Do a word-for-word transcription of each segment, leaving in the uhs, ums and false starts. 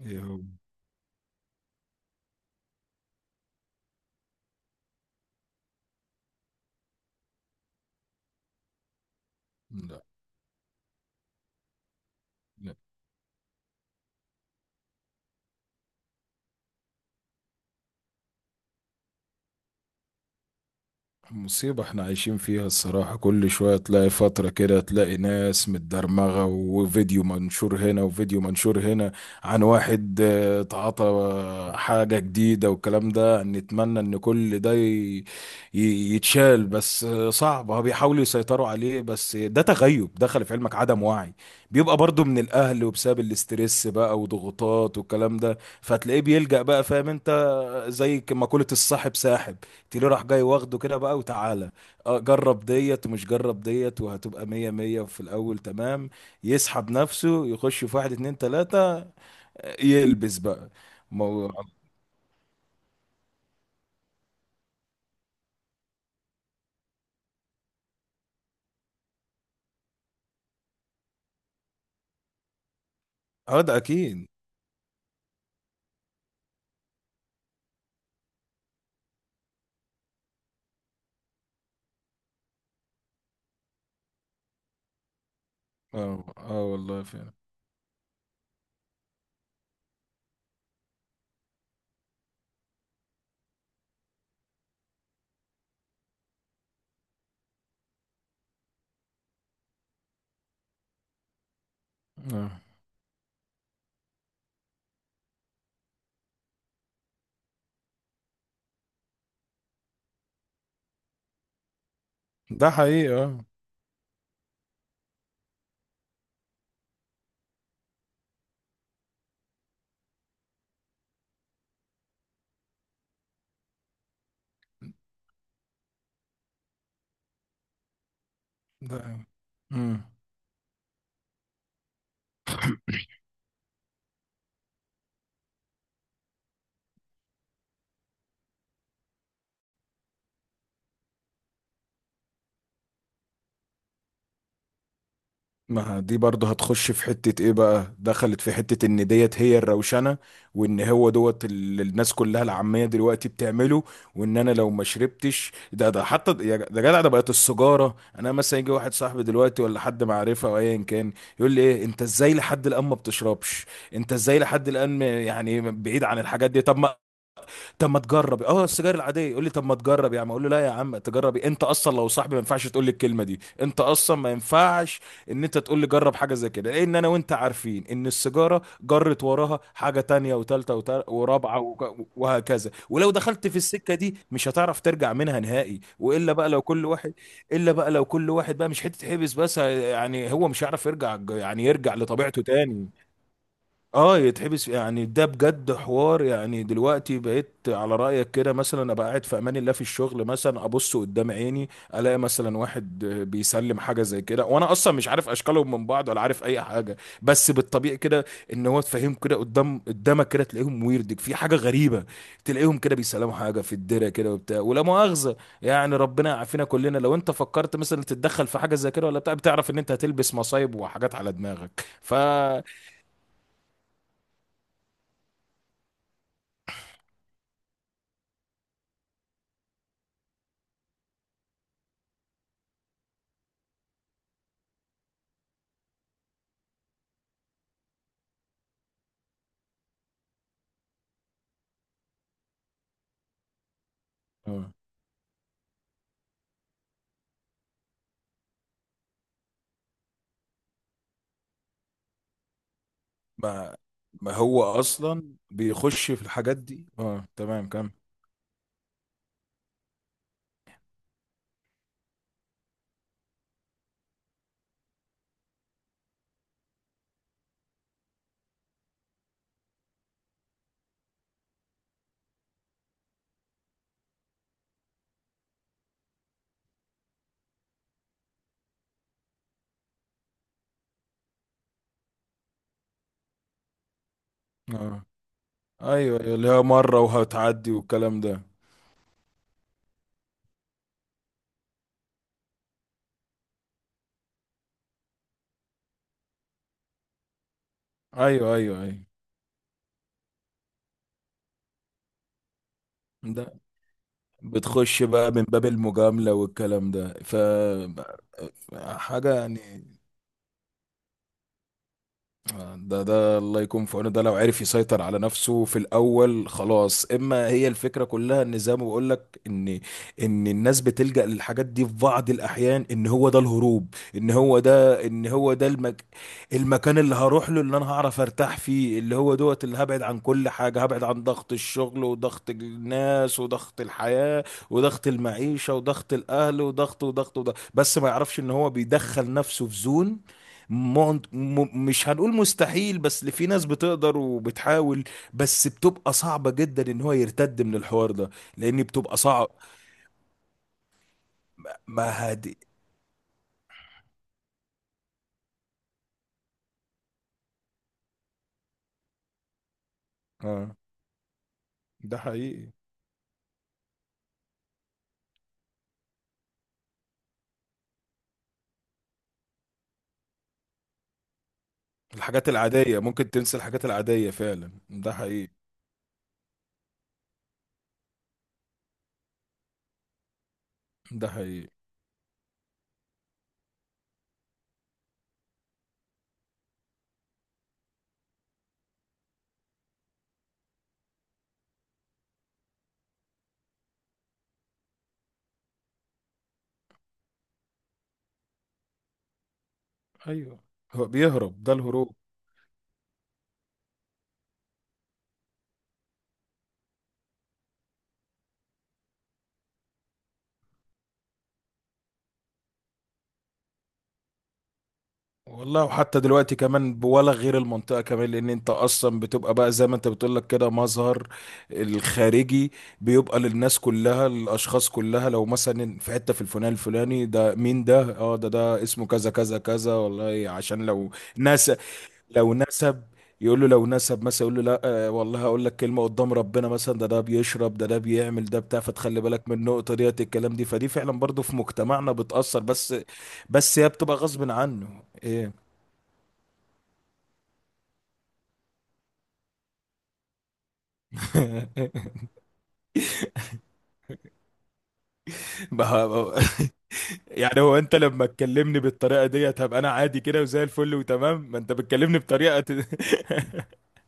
ايه هو؟ لا، لا. مصيبة احنا عايشين فيها الصراحة. كل شوية تلاقي فترة كده تلاقي ناس متدرمغة، وفيديو منشور هنا وفيديو منشور هنا عن واحد اه، تعاطى حاجة جديدة، والكلام ده نتمنى ان كل ده ي- ي- يتشال، بس اه، صعب. هو بيحاولوا يسيطروا عليه، بس ده تغيب. دخل في علمك، عدم وعي. بيبقى برضو من الاهل وبسبب الاسترس بقى وضغوطات والكلام ده، فتلاقيه بيلجأ بقى. فاهم انت، زي ك- مقولة الصاحب ساحب. تيلي راح جاي واخده كده بقى وتعالى، اه جرب ديت ومش جرب ديت وهتبقى مية مية في الأول، تمام. يسحب نفسه يخش في واحد اتنين تلاتة، يلبس بقى موضوع. اه ده أكيد. اه، اه، والله فعلا. اه، ده حقيقي. اه، ده. مم. ما دي برضه هتخش في حتة ايه بقى؟ دخلت في حتة ان ديت هي الروشنة، وان هو دوت اللي الناس كلها العامية دلوقتي بتعمله، وان انا لو ما شربتش ده، ده حتى يا ج- ده جدع، ده بقت السجارة. انا مثلا يجي واحد صاحبي دلوقتي، ولا حد معرفة، او ايا كان، يقول لي ايه انت ازاي لحد الان ما بتشربش؟ انت ازاي لحد الان م- يعني بعيد عن الحاجات دي؟ طب ما، طب ما تجرب اه السجاير العاديه. يقول لي طب ما تجرب يا عم. اقول له لا يا عم، تجربي انت اصلا لو صاحبي ما ينفعش تقول لي الكلمه دي، انت اصلا ما ينفعش ان انت تقول لي جرب حاجه زي كده. لان انا وانت عارفين ان السيجاره جرت وراها حاجه تانية وتالتة وتال- ورابعه وك- وهكذا، ولو دخلت في السكه دي مش هتعرف ترجع منها نهائي. والا بقى لو كل واحد، الا بقى لو كل واحد بقى مش حته حبس بس، يعني هو مش هيعرف يرجع، يعني يرجع لطبيعته تاني. اه يتحبس يعني، ده بجد حوار. يعني دلوقتي بقيت على رأيك كده، مثلا ابقى قاعد في امان الله في الشغل، مثلا ابص قدام عيني الاقي مثلا واحد آه، بيسلم حاجة زي كده، وانا اصلا مش عارف اشكالهم من بعض، ولا عارف اي حاجة. بس بالطبيعي كده ان هو تفهم كده قدام، قدامك كده تلاقيهم، ويردك في حاجة غريبة، تلاقيهم كده بيسلموا حاجة في الدرة كده وبتاع ولا مؤاخذة. يعني ربنا يعافينا كلنا. لو انت فكرت مثلا تتدخل في حاجة زي كده ولا بتاع، بتعرف ان انت هتلبس مصايب وحاجات على دماغك، ف ما ما هو اصلا بيخش في الحاجات دي. اه تمام، كم. اه، ايوه، ايوه، اللي هي مره وهتعدي والكلام ده. ايوه، ايوه، ايوه. ده بتخش بقى من باب المجامله والكلام ده، ف حاجه يعني. آه، ده ده الله يكون في عونه. ده لو عرف يسيطر على نفسه في الاول خلاص. اما هي الفكره كلها، ان زي ما بقول لك، ان ان الناس بتلجأ للحاجات دي في بعض الاحيان، ان هو ده الهروب. ان هو ده، ان هو ده المك... المكان اللي هروح له، اللي انا هعرف ارتاح فيه، اللي هو دوت، اللي هبعد عن كل حاجه. هبعد عن ضغط الشغل وضغط الناس وضغط الحياه وضغط المعيشه وضغط الاهل وضغط وضغط وضغط. بس ما يعرفش ان هو بيدخل نفسه في زون م- م- مش هنقول مستحيل، بس اللي في ناس بتقدر وبتحاول، بس بتبقى صعبة جدا ان هو يرتد من الحوار ده، لان بتبقى صعب. ما هادي. اه، ده حقيقي. الحاجات العادية ممكن تنسى، الحاجات العادية فعلا، ده حقيقي، ده حقيقي. ايوه، هو بيهرب، ده الهروب. والله وحتى دلوقتي كمان، ولا غير المنطقة كمان، لأن أنت أصلا بتبقى بقى زي ما أنت بتقول لك كده، مظهر الخارجي بيبقى للناس كلها، للأشخاص كلها. لو مثلا في حتة في الفلان، الفلاني ده مين ده؟ أه ده ده اسمه كذا كذا كذا، والله. عشان لو نسب، لو نسب، يقول له لو نسب مثلا، يقول له لا آه، والله هقول لك كلمة قدام ربنا مثلا، ده ده بيشرب، ده ده بيعمل ده بتاع. فتخلي بالك من النقطة ديت، الكلام دي فدي فعلا برضو في مجتمعنا بتأثر، بس بس هي بتبقى غصب عنه إيه. ما- ما- يعني هو انت لما تكلمني بالطريقه ديت هبقى انا عادي كده وزي الفل وتمام. ما انت بتكلمني بطريقه ت...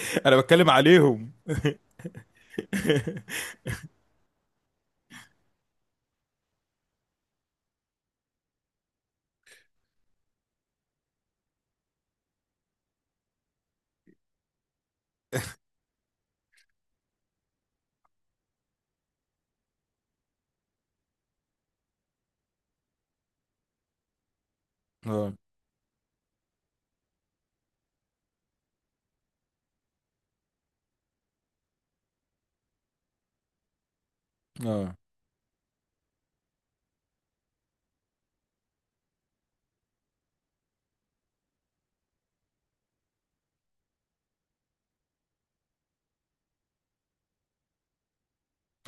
انا بتكلم عليهم. اه، اه.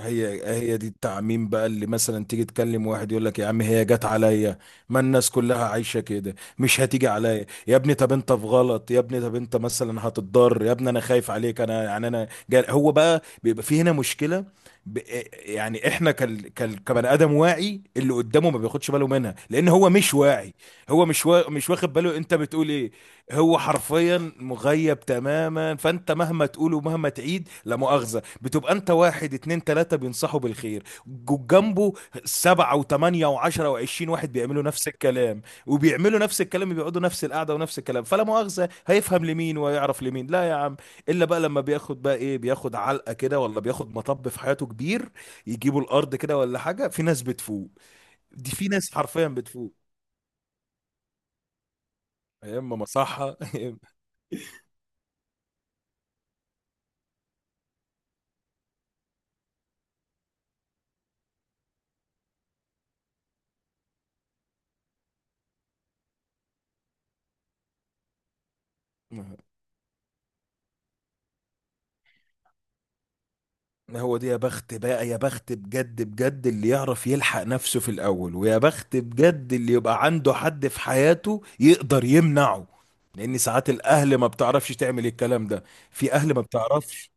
هي هي دي التعميم بقى، اللي مثلا تيجي تكلم واحد يقول لك يا عم هي جت عليا، ما الناس كلها عايشة كده، مش هتيجي عليا. يا ابني طب انت في غلط، يا ابني طب انت مثلا هتتضر، يا ابني انا خايف عليك. انا يعني انا جا- هو بقى بيبقى في هنا مشكلة. ب... آه، يعني احنا كال... كال... كبني ادم واعي اللي قدامه ما بياخدش باله منها، لان هو مش واعي. هو مش وا... مش واخد باله انت بتقول ايه. هو حرفيا مغيب تماما، فانت مهما تقول ومهما تعيد لا مؤاخذة، بتبقى انت واحد اتنين تلاتة بينصحوا بالخير جو- جنبه. سبعة وتمانية وعشرة وعشرين واحد بيعملوا نفس الكلام، وبيعملوا نفس الكلام، بيقعدوا نفس القعدة ونفس الكلام، فلا مؤاخذة هيفهم لمين ويعرف لمين؟ لا يا عم. الا بقى لما بياخد بقى ايه، بياخد علقة كده، ولا بياخد مطب في حياته كبير، يجيبوا الارض كده ولا حاجة. في ناس بتفوق، دي في ناس حرفيا بتفوق. يا اما مصحة، يا اما. ما هو دي يا بخت بقى، يا بخت بجد، بجد اللي يعرف يلحق نفسه في الأول، ويا بخت بجد اللي يبقى عنده حد في حياته يقدر يمنعه. لأن ساعات الأهل ما بتعرفش تعمل الكلام ده، في أهل ما بتعرفش.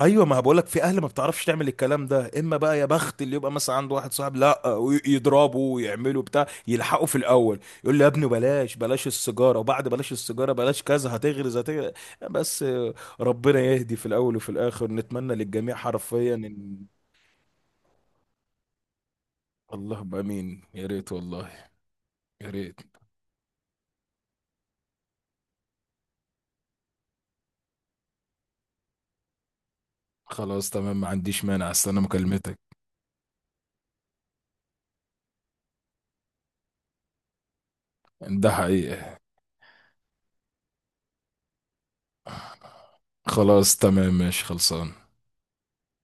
ايوه، ما بقولك في اهل ما بتعرفش تعمل الكلام ده. اما بقى يا بخت اللي يبقى مثلا عنده واحد صاحب لا، ويضربه ويعمله بتاع، يلحقه في الاول، يقول له يا ابني بلاش، بلاش السيجاره، وبعد بلاش السيجاره بلاش كذا، هتغرز، هتغرز. بس آه، ربنا يهدي في الاول وفي الاخر. نتمنى للجميع حرفيا ان، اللهم امين. يا ريت والله، يا ريت. خلاص تمام، ما عنديش مانع، استنى مكالمتك. ده حقيقة. خلاص تمام، ماشي، خلصان.